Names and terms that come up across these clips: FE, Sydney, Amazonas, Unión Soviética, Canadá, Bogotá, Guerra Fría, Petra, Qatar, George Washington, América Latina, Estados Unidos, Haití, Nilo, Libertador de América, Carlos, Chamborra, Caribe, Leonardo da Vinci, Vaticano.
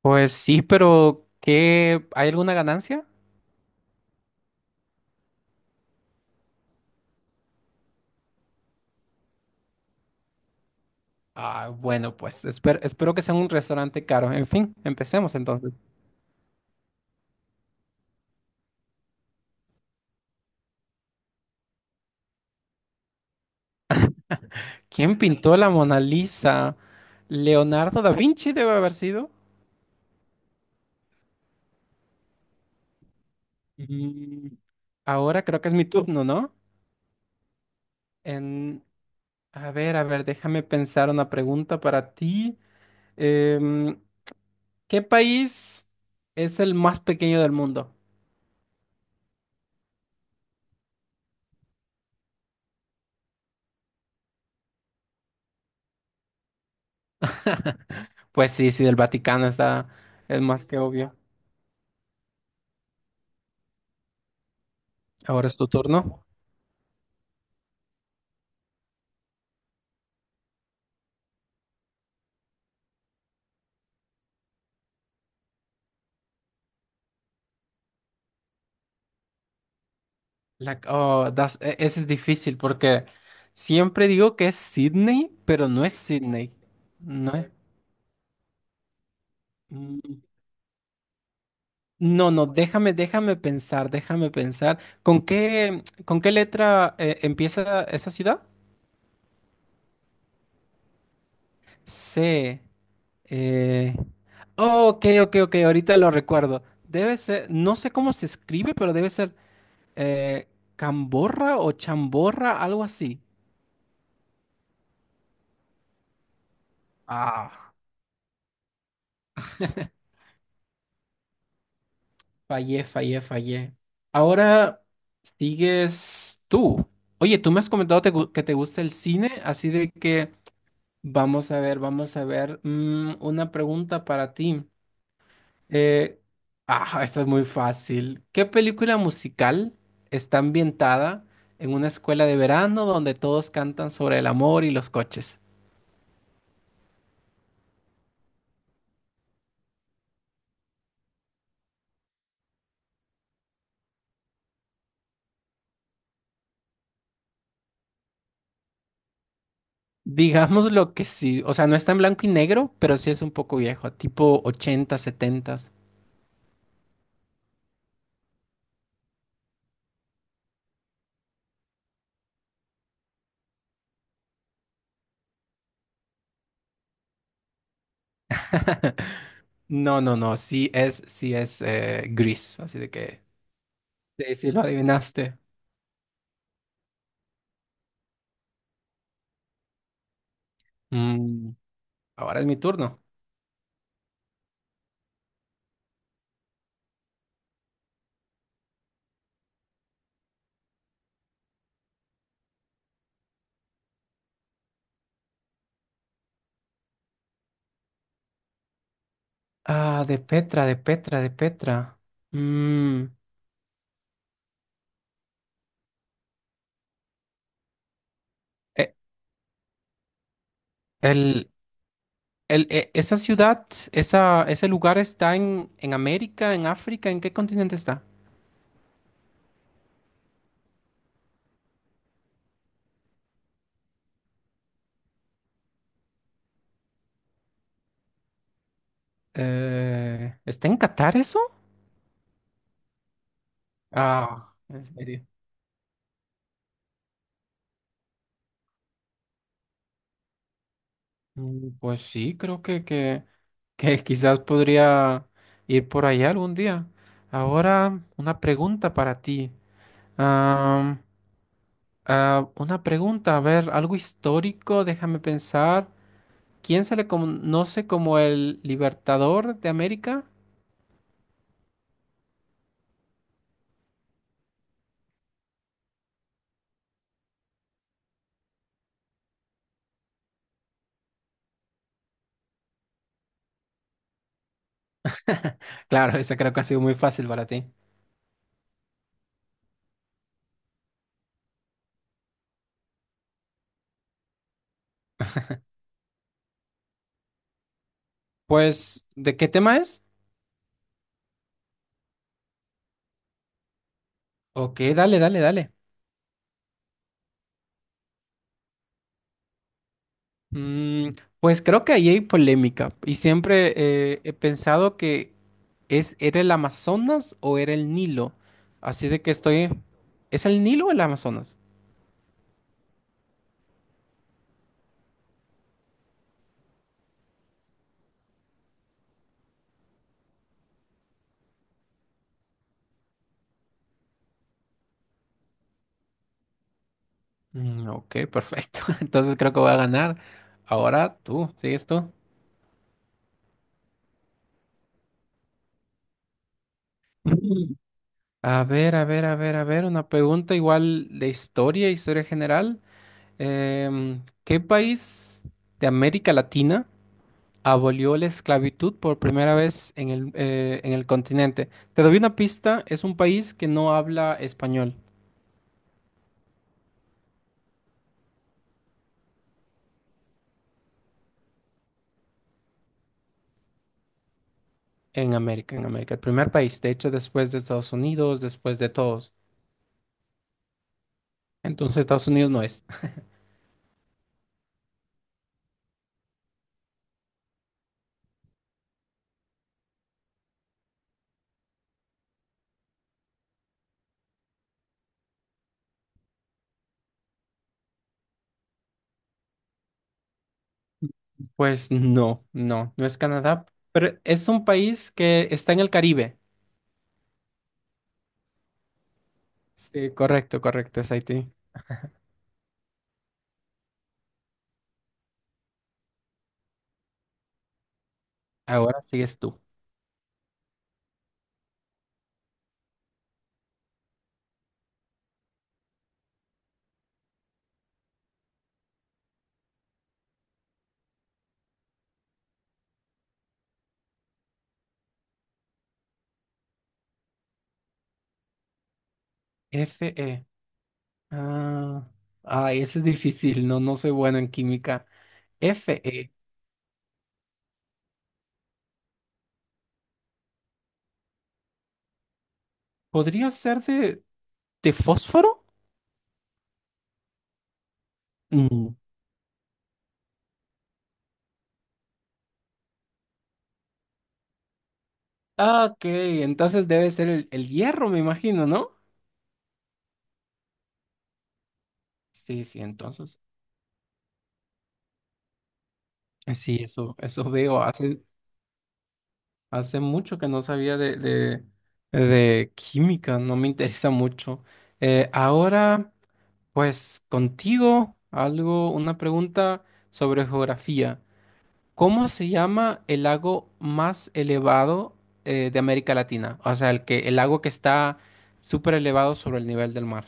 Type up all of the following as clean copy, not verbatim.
Pues sí, pero ¿qué? ¿Hay alguna ganancia? Ah, bueno, pues espero que sea un restaurante caro. En fin, empecemos entonces. ¿Quién pintó la Mona Lisa? Leonardo da Vinci debe haber sido. Mm, Ahora creo que es mi turno, ¿no? En, a ver, a ver, déjame pensar una pregunta para ti. Em, ¿Qué país es el más pequeño del mundo? Pues sí, sí, el Vaticano está, es más que obvio. Ahora es tu turno. Oh, ese es difícil porque siempre digo que es Sydney, pero no es Sydney. No es. Mm, No, no, déjame pensar, déjame pensar. ¿Con qué letra empieza esa ciudad? C. eh, oh, ok, ok, ok, ahorita lo recuerdo. Debe ser, no sé cómo se escribe, pero debe ser eh, Camborra o Chamborra, algo así. Ah. Fallé, fallé, fallé. Ahora sigues tú. Oye, tú me has comentado que te gusta el cine, así de que vamos a ver, vamos a ver. Una pregunta para ti. Eh, Esta es muy fácil. ¿Qué película musical está ambientada en una escuela de verano donde todos cantan sobre el amor y los coches? Digamos lo que sí, o sea, no está en blanco y negro, pero sí es un poco viejo, tipo 80, 70. No, no, no, sí es gris, así de que sí, sí lo adivinaste. Mm, Ahora es mi turno. Ah, de Petra, de Petra, de Petra. Mm, eh, el, esa ciudad, esa, ese lugar está en América, en África, ¿en qué continente está? ¿Está en Qatar eso? Ah, en serio. Pues sí, creo que, que quizás podría ir por allá algún día. Ahora, una pregunta para ti. Am, una pregunta, a ver, algo histórico, déjame pensar. ¿Quién se le conoce como el Libertador de América? Claro, esa creo que ha sido muy fácil para ti. Pues, ¿de qué tema es? Ok, dale, dale, dale. Mm, pues creo que ahí hay polémica y siempre he pensado que ¿Es, era el Amazonas o era el Nilo? Así de que estoy. ¿Es el Nilo o el Amazonas? Mm, ok, perfecto. Entonces creo que voy a ganar. Ahora tú, ¿sigues tú? A ver, a ver, a ver, a ver, una pregunta igual de historia, historia general. ¿Qué país de América Latina abolió la esclavitud por primera vez en el continente? Te doy una pista, es un país que no habla español. En América, el primer país, de hecho, después de Estados Unidos, después de todos. Entonces, Estados Unidos no es. Pues no, no, no es Canadá, pero es un país que está en el Caribe. Sí, correcto, correcto, es Haití. Ahora sigues tú. Fe. Ah, Ay, ese es difícil, no, no soy bueno en química. Fe. ¿Podría ser de, fósforo? Mm. Ah, ok, entonces debe ser el hierro, me imagino, ¿no? Sí, sí, entonces sí, eso veo. Hace mucho que no sabía de química, no me interesa mucho. Ahora, pues contigo, algo, una pregunta sobre geografía. ¿Cómo se llama el lago más elevado de América Latina? O sea, el que, el lago que está súper elevado sobre el nivel del mar.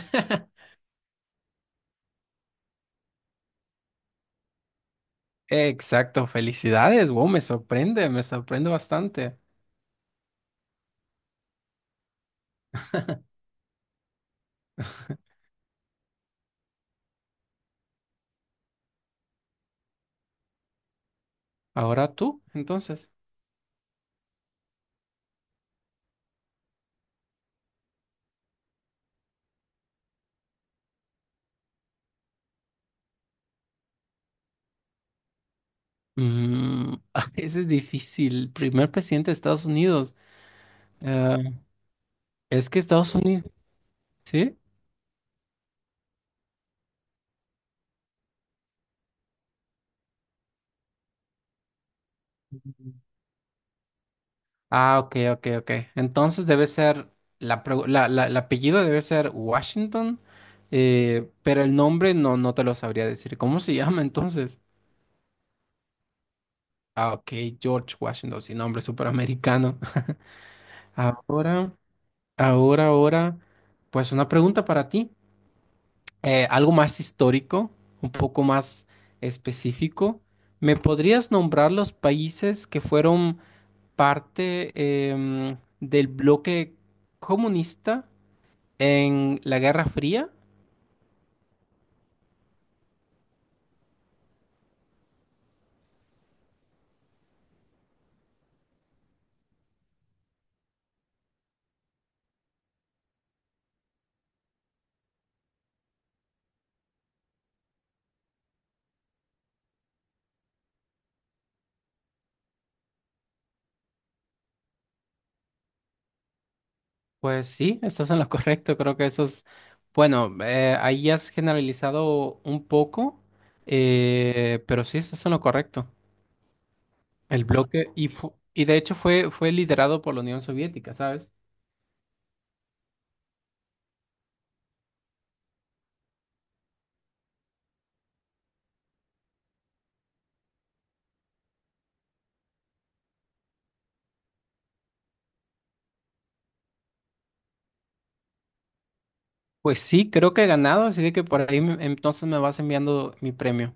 Exacto, felicidades. Wow, me sorprende bastante. Ahora tú, entonces. Mm, ese es difícil. Primer presidente de Estados Unidos. Eh, es que Estados Unidos, ¿sí? Ah, ok, ok, ok. Entonces debe ser, la, pregu- la- el apellido debe ser Washington, pero el nombre no, no te lo sabría decir. ¿Cómo se llama entonces? Ah, ok, George Washington, sin nombre superamericano. Ahora, ahora, ahora, pues una pregunta para ti. Algo más histórico, un poco más específico. ¿Me podrías nombrar los países que fueron parte del bloque comunista en la Guerra Fría? Pues sí, estás en lo correcto. Creo que eso es, bueno, ahí has generalizado un poco, pero sí estás en lo correcto. El bloque, y, y de hecho fue liderado por la Unión Soviética, ¿sabes? Pues sí, creo que he ganado, así de que por ahí entonces me vas enviando mi premio.